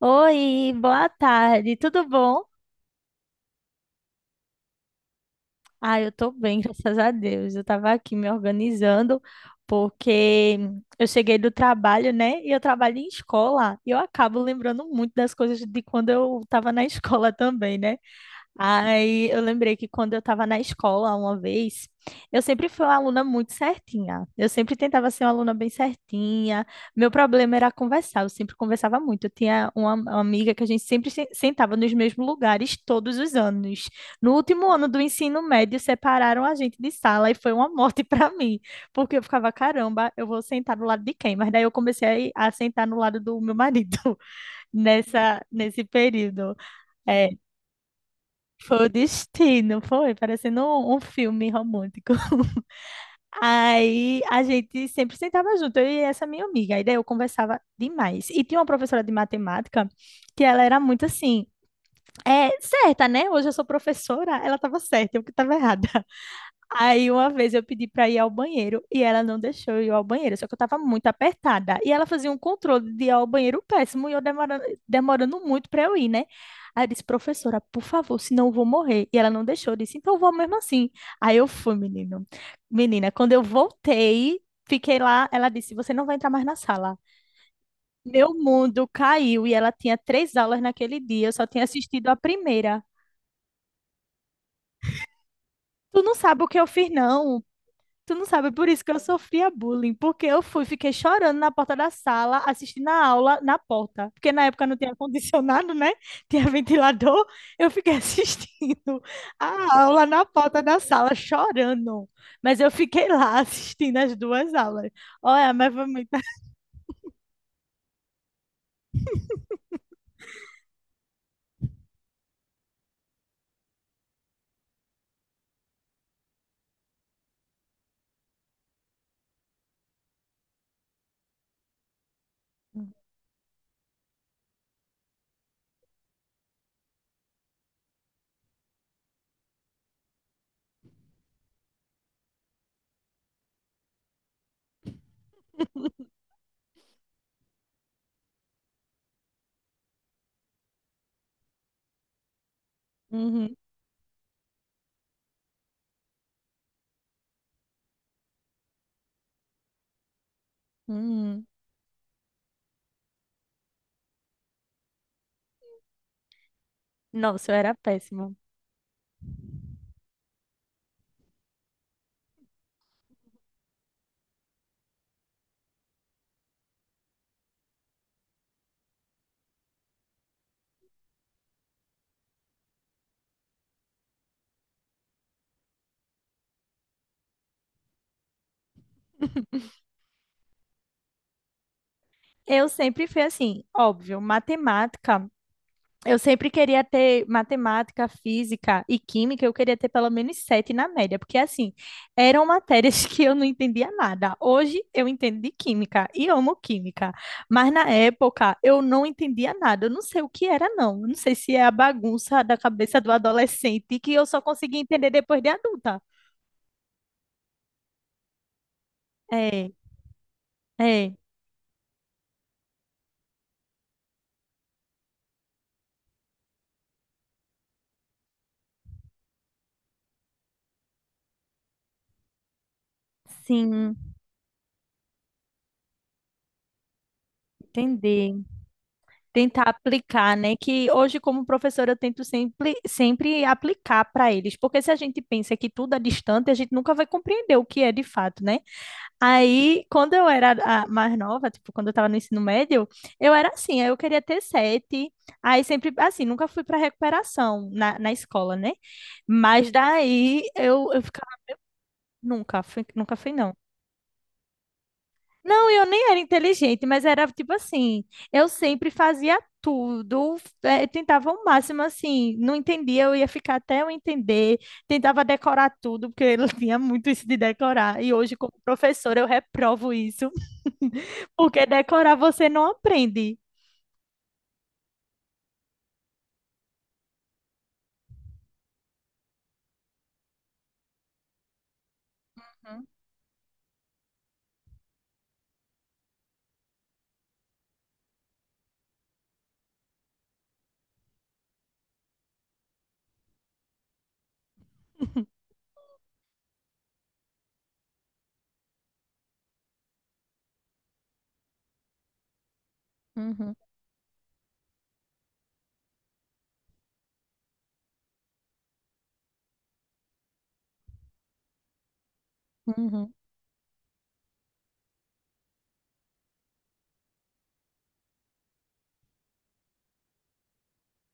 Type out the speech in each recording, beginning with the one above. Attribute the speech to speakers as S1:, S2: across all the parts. S1: Oi, boa tarde, tudo bom? Ah, eu tô bem, graças a Deus. Eu tava aqui me organizando porque eu cheguei do trabalho, né? E eu trabalho em escola e eu acabo lembrando muito das coisas de quando eu tava na escola também, né? Aí eu lembrei que quando eu estava na escola uma vez, eu sempre fui uma aluna muito certinha. Eu sempre tentava ser uma aluna bem certinha. Meu problema era conversar, eu sempre conversava muito. Eu tinha uma amiga que a gente sempre sentava nos mesmos lugares todos os anos. No último ano do ensino médio, separaram a gente de sala e foi uma morte para mim, porque eu ficava, caramba, eu vou sentar do lado de quem? Mas daí eu comecei a sentar no lado do meu marido nesse período. É, foi o destino, foi, parecendo um filme romântico. Aí a gente sempre sentava junto, eu e essa minha amiga. Aí daí eu conversava demais. E tinha uma professora de matemática que ela era muito assim, é certa, né? Hoje eu sou professora, ela estava certa, eu que estava errada. Aí uma vez eu pedi para ir ao banheiro e ela não deixou eu ir ao banheiro, só que eu tava muito apertada. E ela fazia um controle de ir ao banheiro péssimo e eu demorando, demorando muito para eu ir, né? Aí eu disse, professora, por favor, senão eu vou morrer. E ela não deixou, eu disse, então eu vou mesmo assim. Aí eu fui, menino. Menina, quando eu voltei, fiquei lá, ela disse, você não vai entrar mais na sala. Meu mundo caiu e ela tinha três aulas naquele dia, eu só tinha assistido a primeira. Tu não sabe o que eu fiz, não. Tu não sabe, é por isso que eu sofria bullying, porque eu fui, fiquei chorando na porta da sala, assistindo a aula na porta, porque na época não tinha ar-condicionado, né? Tinha ventilador, eu fiquei assistindo a aula na porta da sala, chorando. Mas eu fiquei lá assistindo as duas aulas. Olha, mas foi muito. Hum. Uhum, uhum. Nossa, eu era péssima. Eu sempre fui assim, óbvio, matemática. Eu sempre queria ter matemática, física e química, eu queria ter pelo menos sete na média, porque assim, eram matérias que eu não entendia nada. Hoje eu entendo de química e amo química, mas na época eu não entendia nada. Eu não sei o que era, não. Eu não sei se é a bagunça da cabeça do adolescente que eu só consegui entender depois de adulta. É, é, sim, entender. Tentar aplicar, né? Que hoje, como professora, eu tento sempre, sempre aplicar para eles, porque se a gente pensa que tudo é distante, a gente nunca vai compreender o que é de fato, né? Aí, quando eu era mais nova, tipo, quando eu estava no ensino médio, eu era assim, aí eu queria ter sete, aí sempre, assim, nunca fui para recuperação na escola, né? Mas daí eu ficava, nunca fui, não. Não, eu nem era inteligente, mas era tipo assim, eu sempre fazia tudo, tentava o máximo assim, não entendia, eu ia ficar até eu entender, tentava decorar tudo, porque eu tinha muito isso de decorar, e hoje como professora eu reprovo isso, porque decorar você não aprende. Uhum. Uhum, uhum,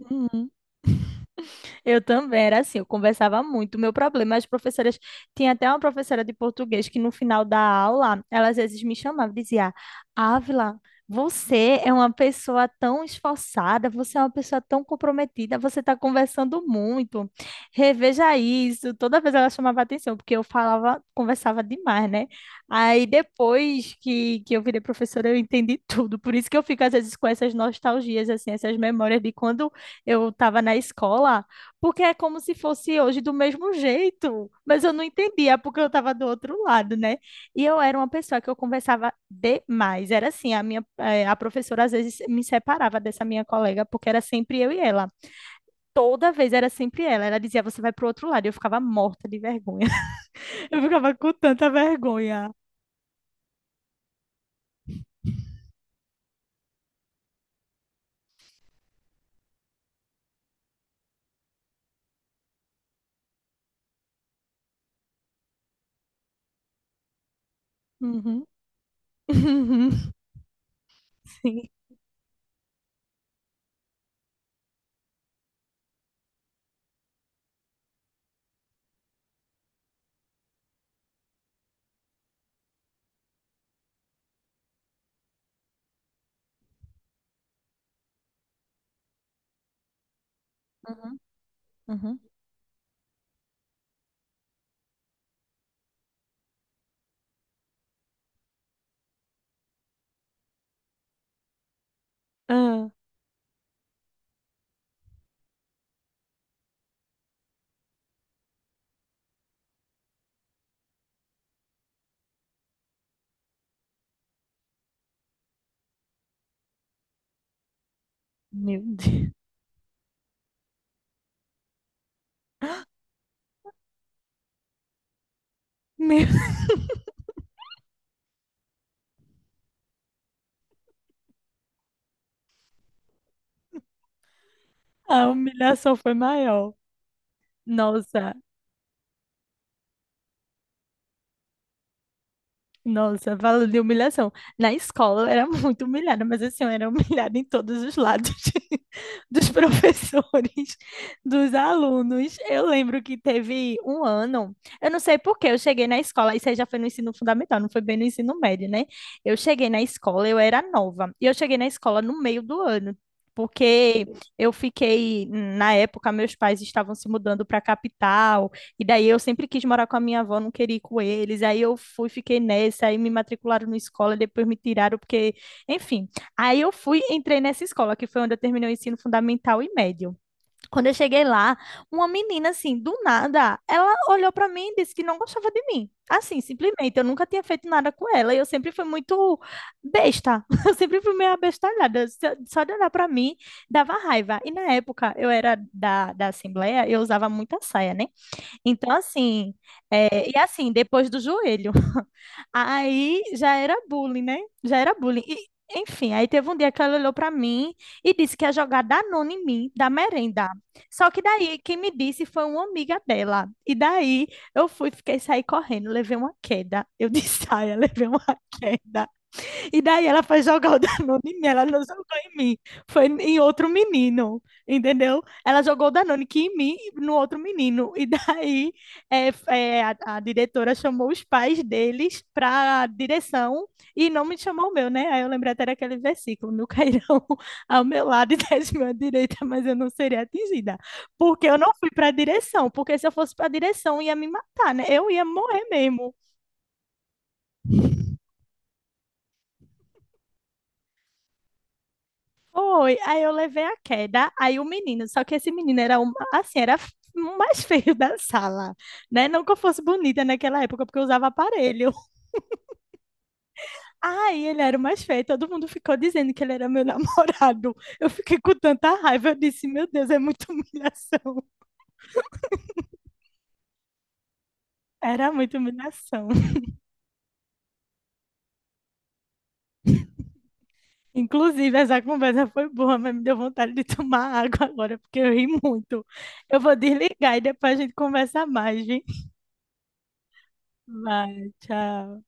S1: uhum. Eu também era assim, eu conversava muito. O meu problema, as professoras, tinha até uma professora de português que no final da aula, ela às vezes me chamava e dizia: Ávila, você é uma pessoa tão esforçada, você é uma pessoa tão comprometida, você está conversando muito. Reveja isso. Toda vez ela chamava atenção, porque eu falava, conversava demais, né? Aí depois que eu virei professora, eu entendi tudo. Por isso que eu fico às vezes com essas nostalgias, assim, essas memórias de quando eu estava na escola. Porque é como se fosse hoje do mesmo jeito. Mas eu não entendia, porque eu estava do outro lado, né? E eu era uma pessoa que eu conversava demais. Era assim, a professora às vezes me separava dessa minha colega, porque era sempre eu e ela. Toda vez era sempre ela. Ela dizia, você vai pro outro lado. E eu ficava morta de vergonha. Eu ficava com tanta vergonha. Uhum. Uhum. Sim. Uhum. Uhum. Ah, meu Deus. Meu. A humilhação foi maior. Nossa. Nossa, falando de humilhação. Na escola eu era muito humilhada, mas assim, eu era humilhada em todos os lados, dos professores, dos alunos. Eu lembro que teve um ano, eu não sei por que eu cheguei na escola, isso aí já foi no ensino fundamental, não foi bem no ensino médio, né? Eu cheguei na escola, eu era nova, e eu cheguei na escola no meio do ano. Porque eu fiquei, na época, meus pais estavam se mudando para a capital, e daí eu sempre quis morar com a minha avó, não queria ir com eles. Aí eu fui, fiquei nessa, aí me matricularam na escola, depois me tiraram, porque, enfim. Aí eu fui, entrei nessa escola, que foi onde eu terminei o ensino fundamental e médio. Quando eu cheguei lá, uma menina, assim, do nada, ela olhou pra mim e disse que não gostava de mim. Assim, simplesmente, eu nunca tinha feito nada com ela. E eu sempre fui muito besta. Eu sempre fui meio abestalhada. Só de olhar pra mim, dava raiva. E na época, eu era da Assembleia, eu usava muita saia, né? Então, assim, é, e assim, depois do joelho. Aí já era bullying, né? Já era bullying. E, enfim, aí teve um dia que ela olhou pra mim e disse que ia jogar Danone em mim, da merenda. Só que daí quem me disse foi uma amiga dela. E daí eu fui, fiquei sair correndo, levei uma queda. Eu disse, saia, levei uma queda. E daí ela foi jogar o Danone em mim, ela não jogou em mim, foi em outro menino, entendeu? Ela jogou o Danone que em mim e no outro menino. E daí é, a diretora chamou os pais deles para direção e não me chamou o meu, né? Aí eu lembrei até daquele versículo, meu cairão ao meu lado e 10.000 à direita, mas eu não seria atingida. Porque eu não fui para a direção, porque se eu fosse para a direção ia me matar, né? Eu ia morrer mesmo. Foi, aí eu levei a queda, aí o menino, só que esse menino era um, assim, era f- o mais feio da sala, né? Não que eu fosse bonita naquela época, porque eu usava aparelho. Aí ele era o mais feio, todo mundo ficou dizendo que ele era meu namorado. Eu fiquei com tanta raiva, eu disse, meu Deus, é muita humilhação. Era muita humilhação. Inclusive, essa conversa foi boa, mas me deu vontade de tomar água agora, porque eu ri muito. Eu vou desligar e depois a gente conversa mais, gente. Vai, tchau.